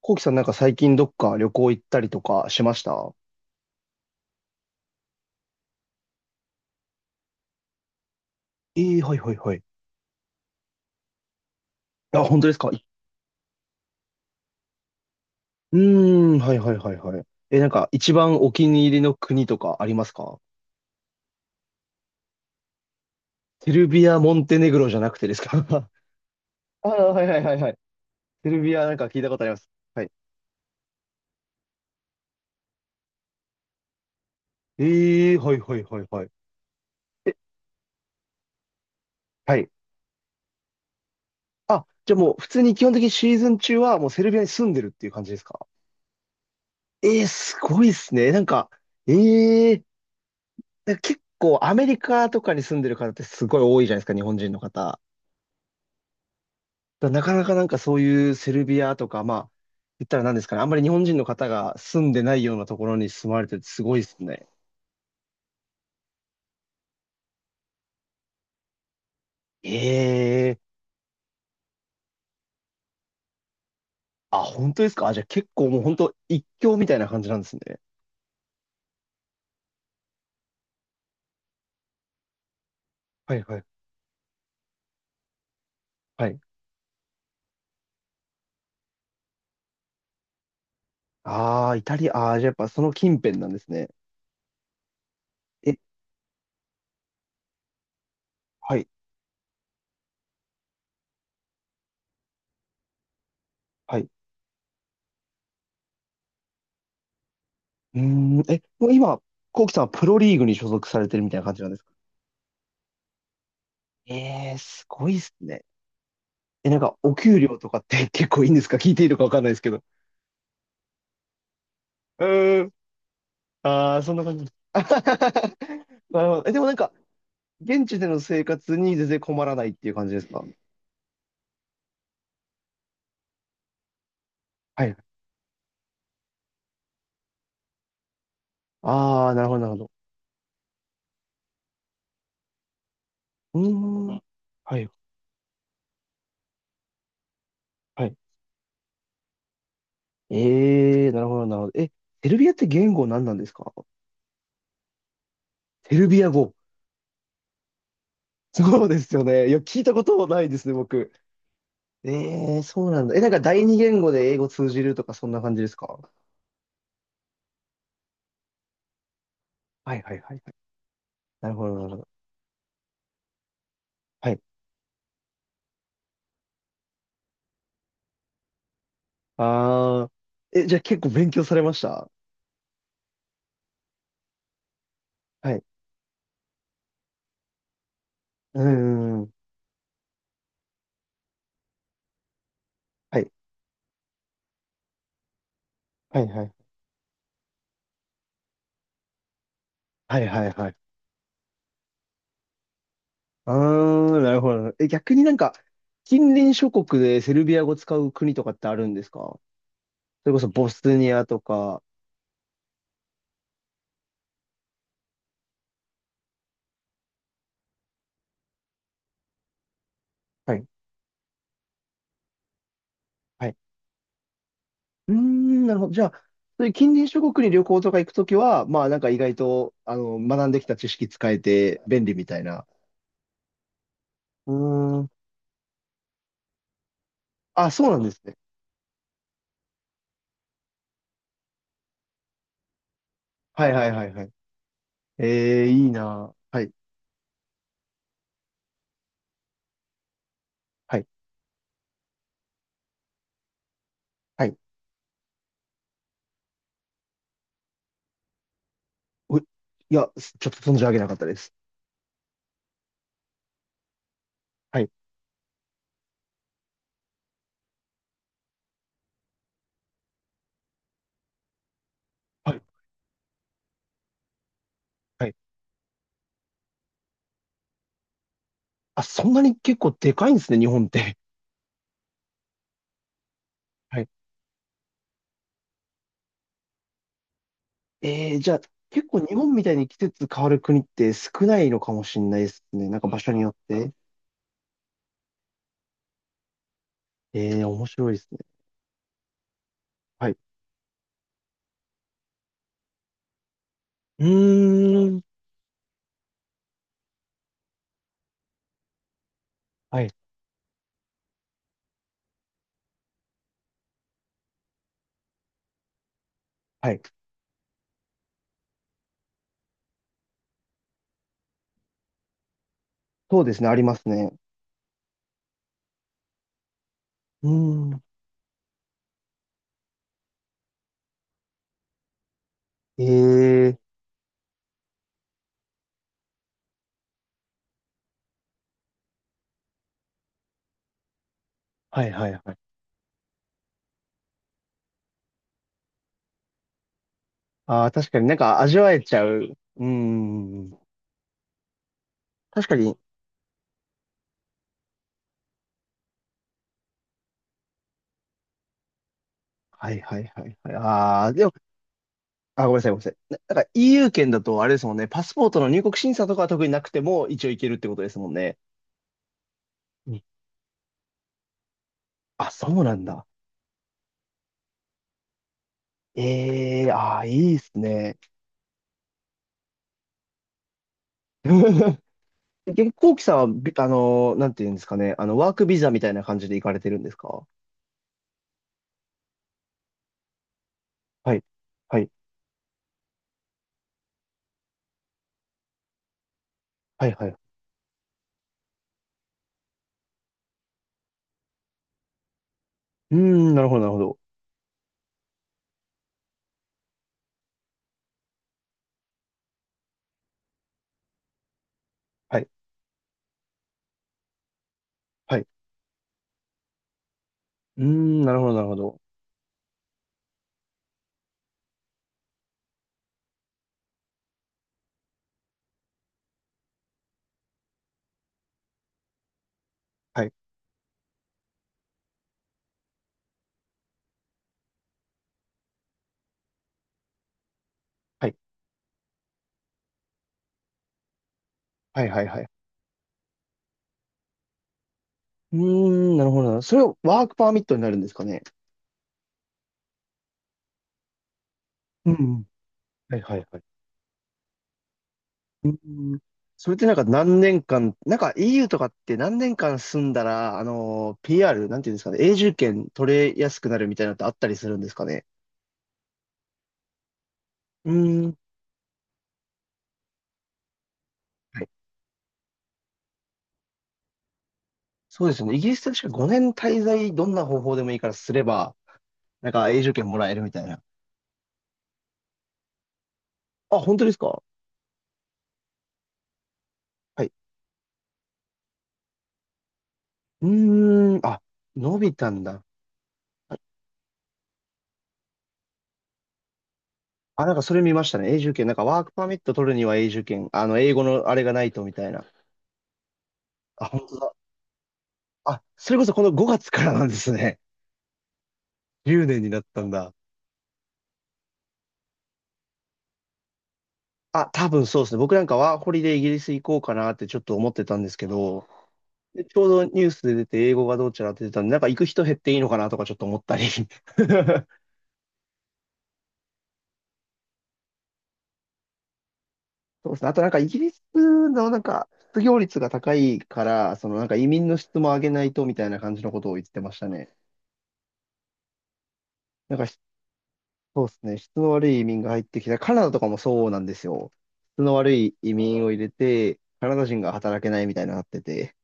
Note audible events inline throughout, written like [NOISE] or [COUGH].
コウキさん、なんか最近どっか旅行行ったりとかしました？ええー、はいはいはい。あ、本当ですかい？うーん、はいはいはいはい。え、なんか一番お気に入りの国とかありますか？セルビア、モンテネグロじゃなくてですか？ [LAUGHS] あー、はいはいはいはい。セルビアなんか聞いたことあります。はい。ええー、はいはいはいはい。え、はい。あ、じゃあもう普通に基本的にシーズン中はもうセルビアに住んでるっていう感じですか？えー、すごいっすね。なんか、えー、なんか結構アメリカとかに住んでる方ってすごい多いじゃないですか、日本人の方。だなかなかなんかそういうセルビアとか、まあ、言ったら何ですかね、あんまり日本人の方が住んでないようなところに住まれててすごいですね。ええ、あ、本当ですかあ、じゃあ結構もう本当一強みたいな感じなんですね。はいはい。はい。ああ、イタリア、ああ、じゃあやっぱその近辺なんですね。え、はい、はい。うーん、え、もう今、コウキさんはプロリーグに所属されてるみたいな感じなんですか？え、えー、すごいですね。え、なんか、お給料とかって結構いいんですか？ [LAUGHS] 聞いていいのかわかんないですけど。うーん。ああ、そんな感じです。[LAUGHS] なるほど。え、でもなんか、現地での生活に全然困らないっていう感じですか？はい。ああ、なるほど、なるほど。うーん。はい、はい。ええー、なるほど、なるほど。え、セルビアって言語何なんですか？セルビア語。[LAUGHS] そうですよね。いや、聞いたこともないですね、僕。ええー、そうなんだ。え、なんか第二言語で英語通じるとか、そんな感じですか？はい、はい、はい、はい。なるほど、なるほど。はい。ああ。え、じゃあ結構勉強されました？はい。うん。うんうん。はい。はいはい。はいはいはい。あー、なるほど。え、逆になんか、近隣諸国でセルビア語使う国とかってあるんですか？それこそボスニアとか。はい。はい。うーん、なるほど。じゃあ、そういう近隣諸国に旅行とか行くときは、まあなんか意外と、あの、学んできた知識使えて便利みたいな。うーん。あ、そうなんですね。はいはいはいはい。えー、いいな。はい。はい。はい、おい、や、ちょっと存じ上げなかったです。はい。はい。はい、あ、そんなに結構でかいんですね、日本って。[LAUGHS] はい。えー、じゃあ、結構日本みたいに季節変わる国って少ないのかもしれないですね。なんか場所によって。えー、面白いですね。はい。うーん。はい。はい。そうですね、ありますね。うーん。えー。はいはいはい。あー、確かになんか味わえちゃう。うーん。確かに。はいはいはいはい。あー、でも、あ、ごめんなさい、ごめんなさい。なんか EU 圏だとあれですもんね、パスポートの入国審査とかは特になくても一応行けるってことですもんね。うん。あ、そうなんだ。ええー、ああ、いいですね。[LAUGHS] 結構、こきさんはビ、あのー、なんていうんですかね、あの、ワークビザみたいな感じで行かれてるんですか？はい、はい、はい、はい。うーん、なるほど、なるほど。はい、はい。うーん、なるほど、なるほど。はい、はい、はい、はい、はい。うーん、なるほど、なるほど。それをワークパーミットになるんですかね。うんうん、はい、はい、はい。うん。それってなんか何年間、なんか EU とかって何年間住んだら、あの、PR、なんていうんですかね、永住権取れやすくなるみたいなのってあったりするんですかね。うーん。はい。そうですよね。イギリスって確か5年滞在、どんな方法でもいいからすれば、なんか永住権もらえるみたいな。あ、本当ですか？はい。うーん。あ、伸びたんだ。あ、なんかそれ見ましたね。永住権。なんかワークパーミット取るには永住権。あの、英語のあれがないとみたいな。あ、本当だ。あ、それこそこの5月からなんですね。[LAUGHS] 10年になったんだ。あ、多分そうですね。僕なんかワーホリでイギリス行こうかなってちょっと思ってたんですけど、でちょうどニュースで出て英語がどうちゃらって出たんで、なんか行く人減っていいのかなとかちょっと思ったり。[LAUGHS] そうですね。あとなんかイギリスのなんか失業率が高いから、そのなんか移民の質も上げないとみたいな感じのことを言ってましたね。なんかしそうですね。質の悪い移民が入ってきた。カナダとかもそうなんですよ。質の悪い移民を入れて、カナダ人が働けないみたいになってて。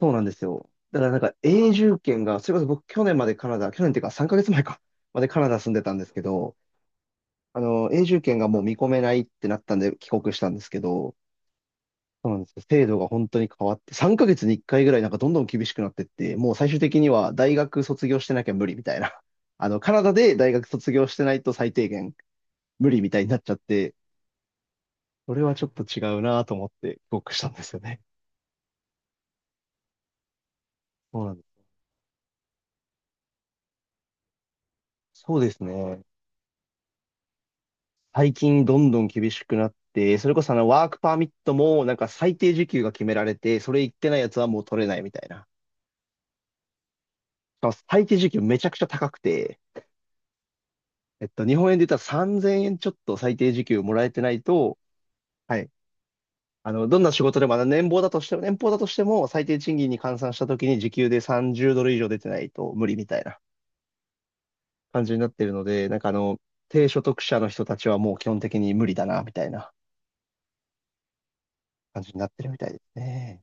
そうなんですよ。だからなんか永住権が、それこそ僕去年までカナダ、去年っていうか3ヶ月前か、までカナダ住んでたんですけど、あの、永住権がもう見込めないってなったんで帰国したんですけど、そうなんですよ。制度が本当に変わって、3ヶ月に1回ぐらいなんかどんどん厳しくなってって、もう最終的には大学卒業してなきゃ無理みたいな。[LAUGHS] あの、カナダで大学卒業してないと最低限無理みたいになっちゃって、それはちょっと違うなと思って帰国したんですよね。そうなんです。そうですね。最近どんどん厳しくなって、それこそあのワークパーミットもなんか最低時給が決められて、それ言ってないやつはもう取れないみたいな。しかも最低時給めちゃくちゃ高くて、えっと、日本円で言ったら3000円ちょっと最低時給もらえてないと、はい。あの、どんな仕事でも、あの年俸だとしても、年俸だとしても、最低賃金に換算した時に時給で30ドル以上出てないと無理みたいな感じになってるので、なんかあの、低所得者の人たちはもう基本的に無理だな、みたいな感じになってるみたいですね。